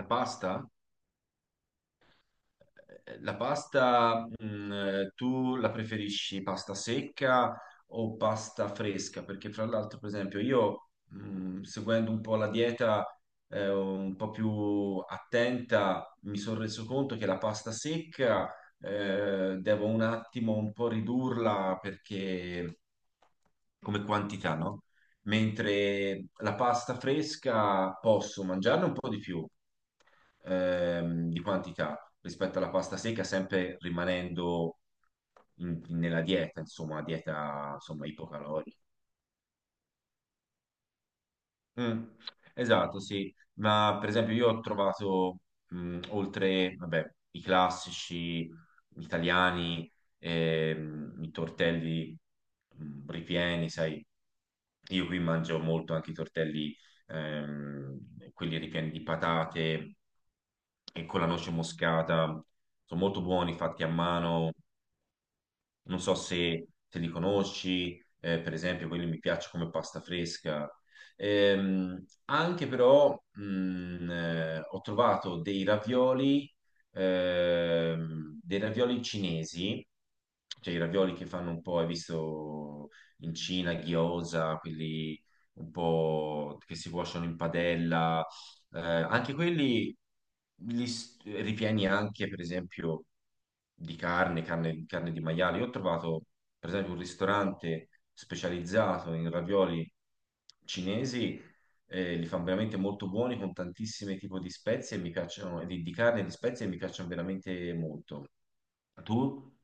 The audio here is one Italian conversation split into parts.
La pasta? La pasta, tu la preferisci pasta secca o pasta fresca? Perché fra l'altro, per esempio, io, seguendo un po' la dieta, un po' più attenta, mi sono reso conto che la pasta secca, devo un attimo un po' ridurla perché come quantità, no? Mentre la pasta fresca posso mangiarne un po' di più di quantità rispetto alla pasta secca, sempre rimanendo nella dieta, insomma, ipocalorica. Mm, esatto, sì, ma per esempio io ho trovato, oltre, vabbè, i classici italiani, i tortelli, ripieni, sai, io qui mangio molto anche i tortelli, quelli ripieni di patate e con la noce moscata, sono molto buoni, fatti a mano, non so se li conosci, per esempio, quelli mi piace come pasta fresca. Anche però ho trovato dei ravioli cinesi, cioè i ravioli che fanno un po', hai visto in Cina, gyoza, quelli un po' che si cuociono in padella anche quelli ripieni anche, per esempio, di carne, carne di maiale. Io ho trovato, per esempio, un ristorante specializzato in ravioli cinesi, li fanno veramente molto buoni con tantissimi tipi di spezie e mi piacciono, di carne e di spezie e mi piacciono veramente molto. Tu?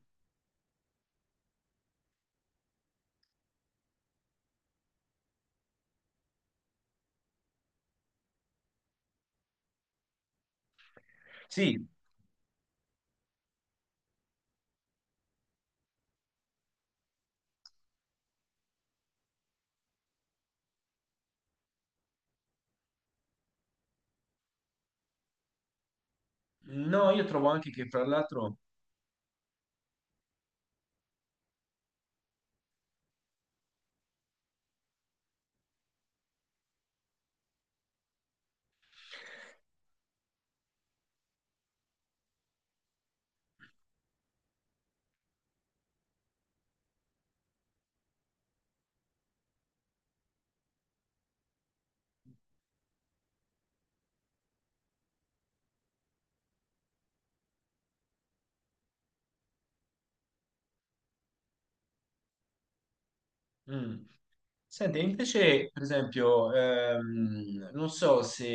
Sì, no, io trovo anche che, fra l'altro, mm, senti, invece, per esempio, non so se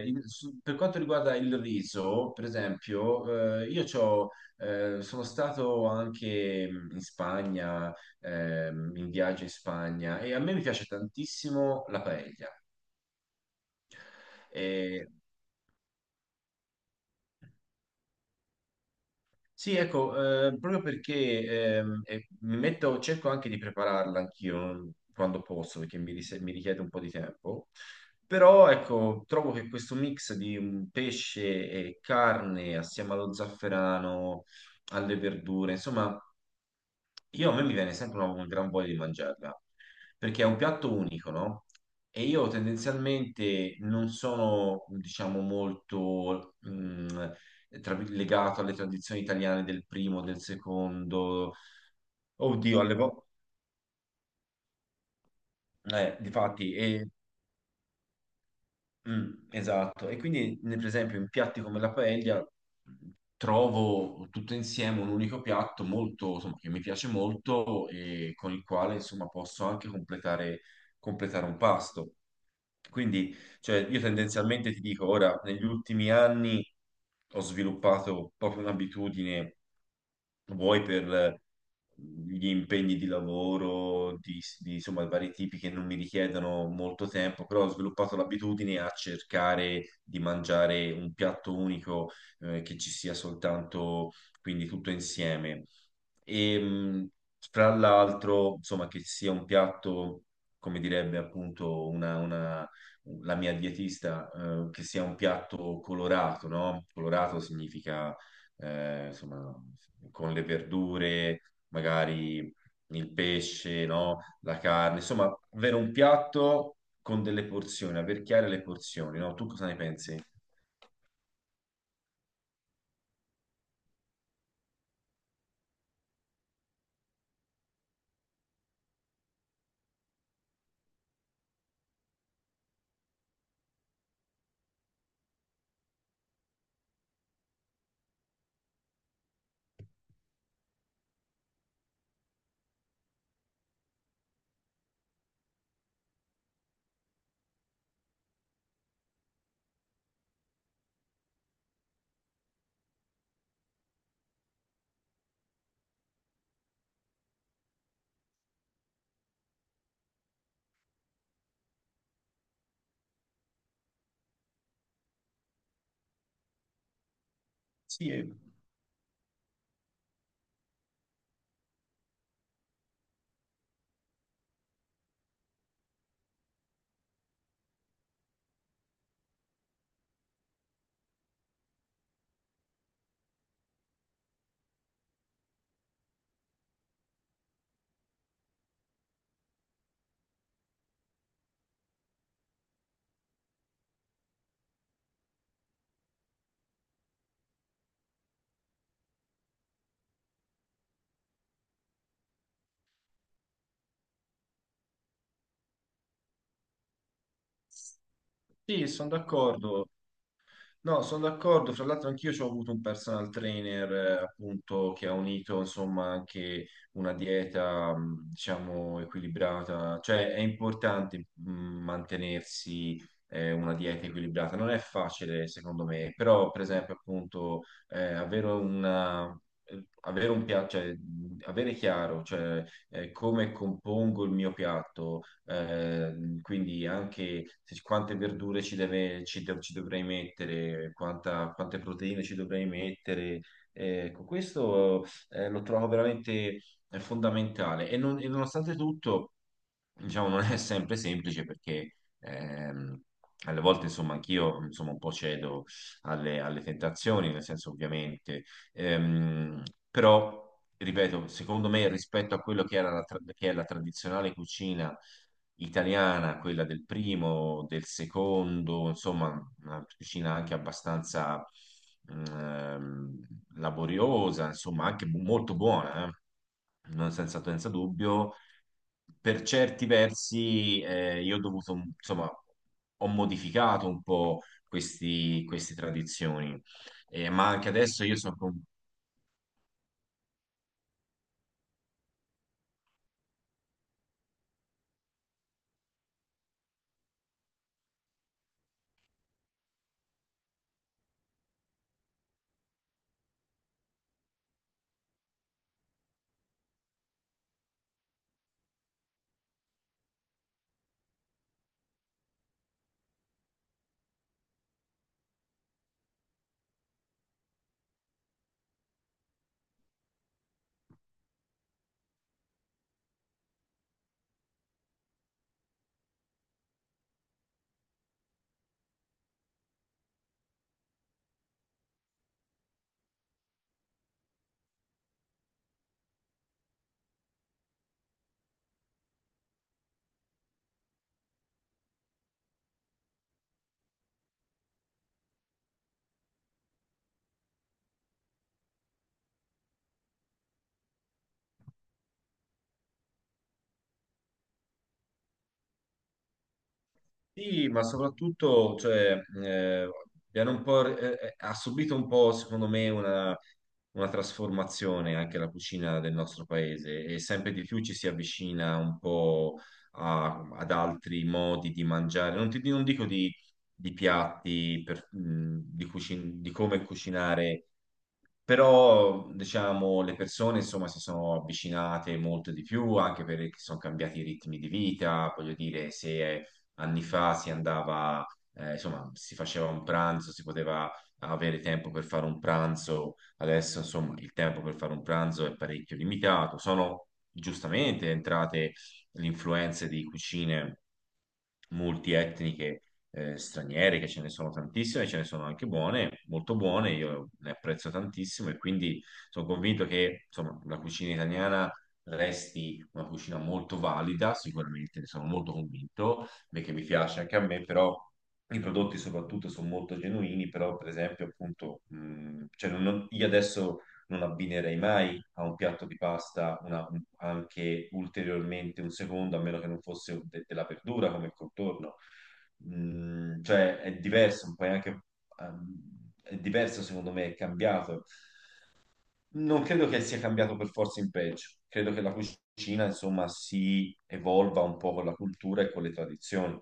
per quanto riguarda il riso, per esempio, io c'ho, sono stato anche in Spagna, in viaggio in Spagna, e a me mi piace tantissimo la paella. Sì, ecco, proprio perché e mi metto, cerco anche di prepararla anch'io quando posso, perché mi richiede un po' di tempo. Però, ecco, trovo che questo mix di un pesce e carne assieme allo zafferano, alle verdure, insomma, io a me mi viene sempre un gran voglia di mangiarla, perché è un piatto unico, no? E io tendenzialmente non sono, diciamo, molto legato alle tradizioni italiane del primo, del secondo, oddio, alle volte, difatti, Mm, esatto, e quindi per esempio in piatti come la paella trovo tutto insieme un unico piatto molto, insomma, che mi piace molto e con il quale insomma posso anche completare, completare un pasto. Quindi, cioè, io tendenzialmente ti dico, ora, negli ultimi anni ho sviluppato proprio un'abitudine vuoi per gli impegni di lavoro, insomma vari tipi che non mi richiedono molto tempo, però ho sviluppato l'abitudine a cercare di mangiare un piatto unico che ci sia soltanto, quindi tutto insieme. E fra l'altro, insomma, che sia un piatto, come direbbe appunto una- la mia dietista, che sia un piatto colorato, no? Colorato significa insomma, con le verdure, magari il pesce, no? La carne, insomma, avere un piatto con delle porzioni, aver chiare le porzioni, no? Tu cosa ne pensi? Sì, sì, sono d'accordo. No, sono d'accordo. Fra l'altro, anch'io ho avuto un personal trainer, appunto, che ha unito, insomma, anche una dieta, diciamo, equilibrata. Cioè, è importante, mantenersi, una dieta equilibrata. Non è facile, secondo me, però, per esempio, appunto, avere una... Avere un piatto, cioè, avere chiaro, cioè, come compongo il mio piatto, eh, quindi anche quante verdure ci deve- ci do- ci dovrei mettere, quante proteine ci dovrei mettere. Ecco, questo lo trovo veramente fondamentale e nonostante tutto, diciamo, non è sempre semplice perché ehm, alle volte, insomma, anch'io insomma, un po' cedo alle tentazioni, nel senso ovviamente, ehm, però ripeto, secondo me rispetto a quello che che è la tradizionale cucina italiana, quella del primo, del secondo, insomma, una cucina anche abbastanza ehm, laboriosa, insomma, anche molto buona, non senza dubbio. Per certi versi, io ho dovuto, insomma, ho modificato un po' queste tradizioni. Ma anche adesso io sono Sì, ma soprattutto, cioè, abbiamo un po' ha subito un po', secondo me, una trasformazione anche la cucina del nostro paese e sempre di più ci si avvicina un po' ad altri modi di mangiare. Non dico di piatti, di come cucinare, però, diciamo, le persone, insomma, si sono avvicinate molto di più anche perché sono cambiati i ritmi di vita, voglio dire, se è anni fa si andava, insomma, si faceva un pranzo, si poteva avere tempo per fare un pranzo, adesso insomma il tempo per fare un pranzo è parecchio limitato. Sono giustamente entrate le influenze di cucine multietniche straniere, che ce ne sono tantissime, ce ne sono anche buone, molto buone, io ne apprezzo tantissimo e quindi sono convinto che insomma, la cucina italiana resti una cucina molto valida, sicuramente ne sono molto convinto, perché mi piace anche a me, però i prodotti soprattutto sono molto genuini, però per esempio appunto, cioè io adesso non abbinerei mai a un piatto di pasta anche ulteriormente un secondo, a meno che non fosse della verdura come contorno. Mm, cioè è diverso, poi anche è diverso secondo me, è cambiato. Non credo che sia cambiato per forza in peggio. Credo che la cucina, insomma, si evolva un po' con la cultura e con le tradizioni.